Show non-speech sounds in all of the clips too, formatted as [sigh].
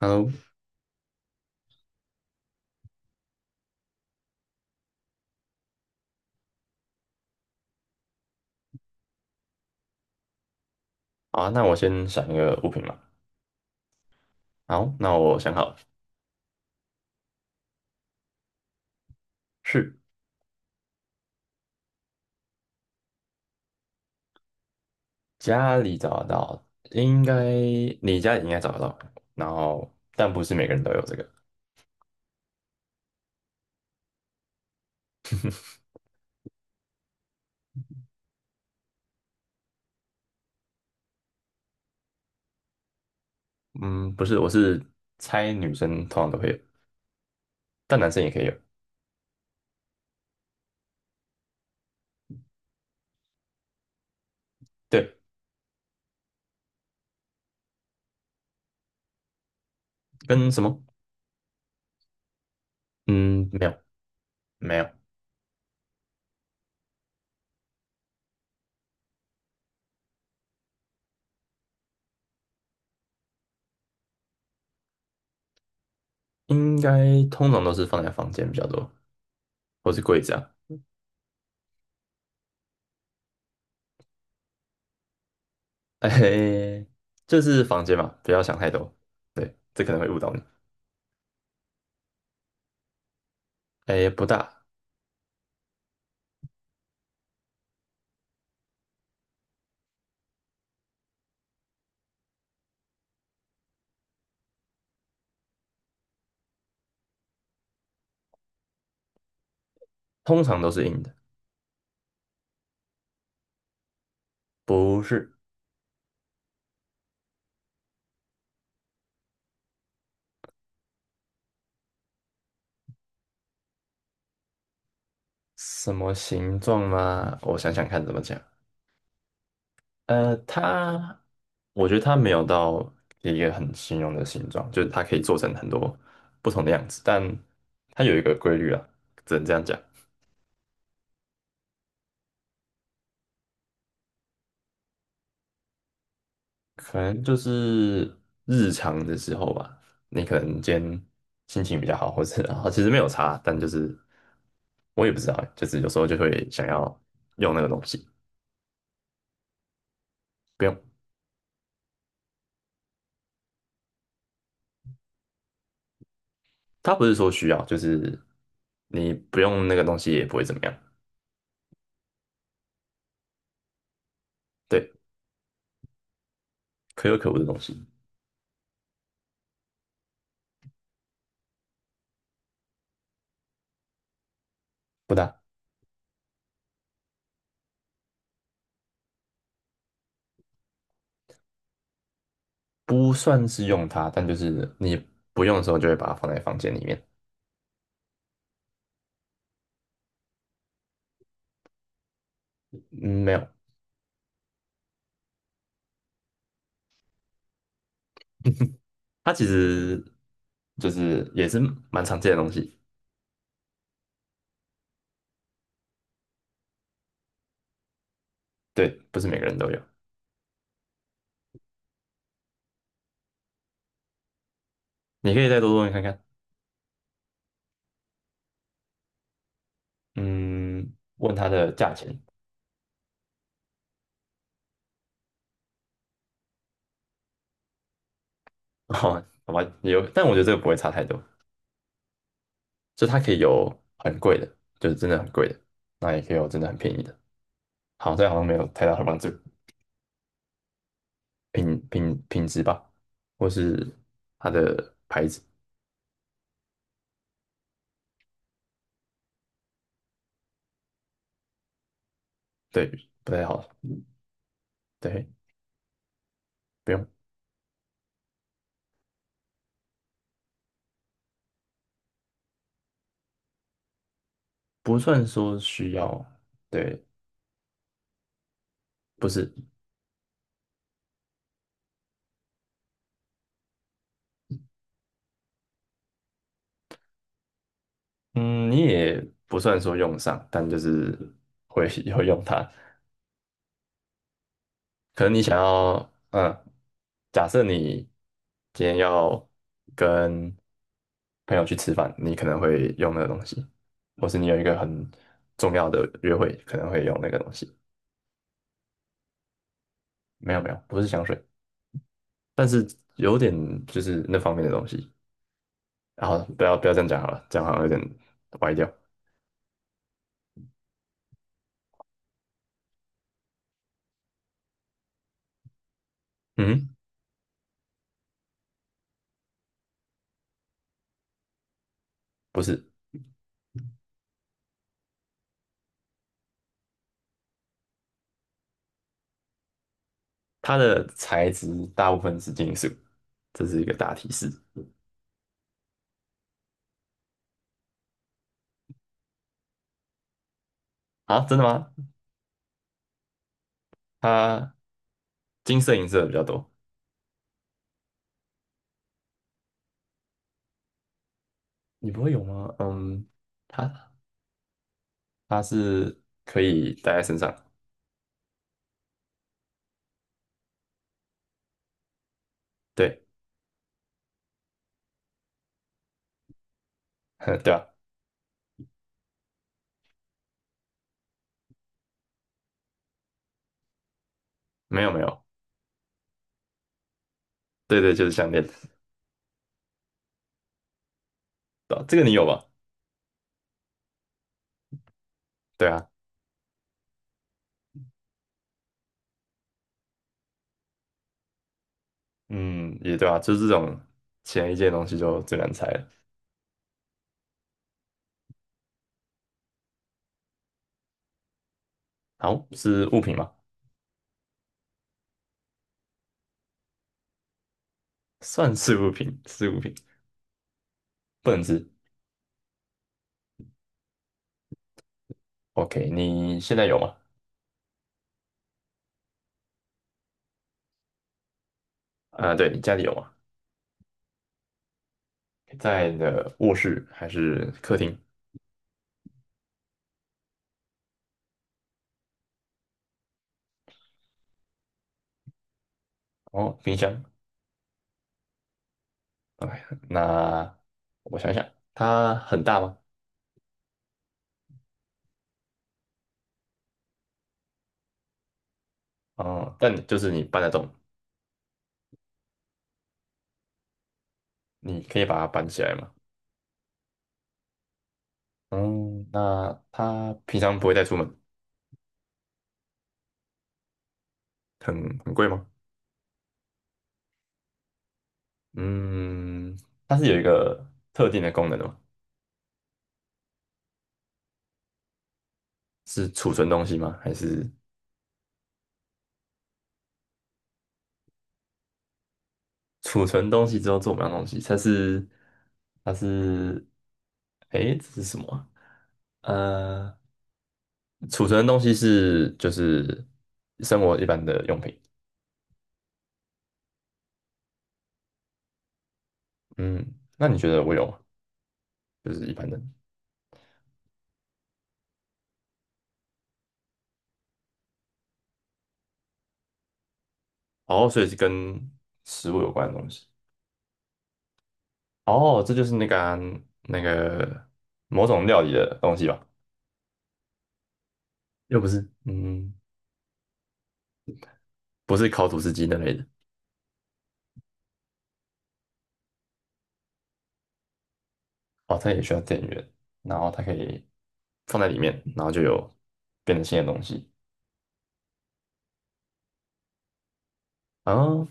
h e 好啊，那我先想一个物品嘛。好，那我想好了，是家里找得到，应该你家里应该找得到，然后但不是每个人都有这个。嗯，不是，我是猜女生通常都会有，但男生也可以有。对，跟什么？嗯，没有，没有，应该通常都是放在房间比较多，或是柜子啊。哎，这是房间嘛，不要想太多。对，这可能会误导你。哎，不大，通常都是硬的，不是。什么形状吗？我想想看怎么讲。呃，它，我觉得它没有到一个很形容的形状，就是它可以做成很多不同的样子，但它有一个规律啊，只能这样讲。可能就是日常的时候吧，你可能今天心情比较好，或者其实没有差，但就是我也不知道欸就是有时候就会想要用那个东西，不用，它不是说需要，就是你不用那个东西也不会怎么样。对。可有可无的东西，不大，不算是用它，但就是你不用的时候就会把它放在房间里面。嗯，没有，它其实就是也是蛮常见的东西，对，不是每个人都有。你可以再多多问看看，嗯，问它的价钱，[laughs] 哦，好吧，也有，但我觉得这个不会差太多，就它可以有很贵的，就是真的很贵的，那也可以有真的很便宜的。好，这样好像没有太大的帮助，品质吧，或是它的牌子，对，不太好。对，不用，不算说需要，对，不是，嗯，你也不算说用上，但就是会 [laughs] 会用它。可能你想要，嗯，假设你今天要跟朋友去吃饭，你可能会用那个东西，或是你有一个很重要的约会，可能会用那个东西。没有没有，不是香水，但是有点就是那方面的东西。然后不要这样讲好了，这样好像有点歪掉。嗯，不是。它的材质大部分是金属，这是一个大提示。啊，真的吗？它金色、银色的比较多，你不会有吗？嗯，它它是可以戴在身上，对，[laughs] 对啊，没有没有，对对，就是项链，对啊这个你有吧？对啊，嗯，也对啊，就是这种前一件东西就最难猜了。好，是物品吗？算是物品，是物品，不能吃。OK，你现在有吗？啊、对，你家里有吗？在你的卧室还是客厅？哦，冰箱。哎，那我想想，它很大吗？哦，但你就是你搬得动，你可以把它搬起来嘛。嗯，那它平常不会带出门，很贵吗？嗯，它是有一个特定的功能的吗？是储存东西吗？还是储存东西之后做不了东西？它是它是，诶，这是什么啊？呃储存的东西是生活一般的用品。嗯，那你觉得我有吗？就是一般的。哦，所以是跟食物有关的东西。哦，这就是那个某种料理的东西吧？又不是，嗯，不是烤吐司机那类的。哦，它也需要电源，然后它可以放在里面，然后就有变成新的东西。哦，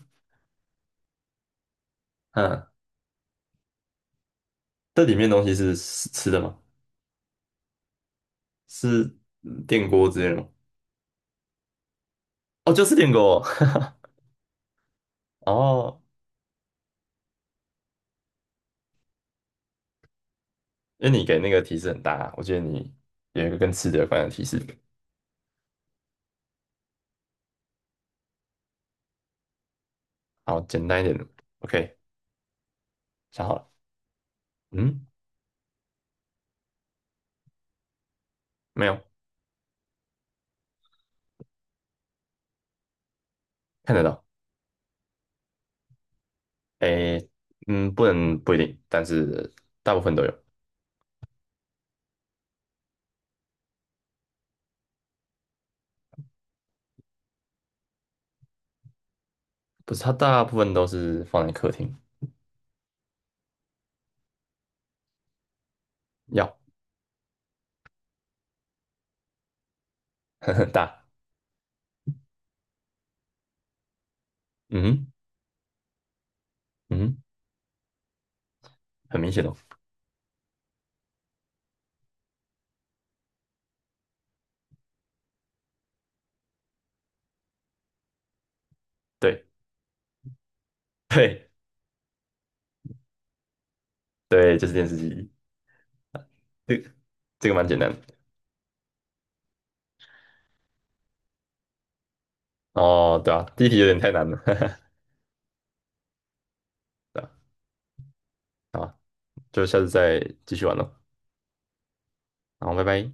嗯，这里面的东西是吃的吗？是电锅之类的吗？哦，就是电锅。[laughs] 哦，因为你给那个提示很大啊我觉得你有一个跟吃的有关的提示。好，简单一点，OK，想好了。嗯，没有，看得到。诶，嗯，不一定，但是大部分都有。不是，它大部分都是放在客厅，要 [laughs] 很大。嗯哼。嗯哼。很明显哦。对对对，就是电视机。这个这个蛮简单的。哦，对啊，第一题有点太难了。[laughs] 对啊，好啊，就下次再继续玩喽。拜拜。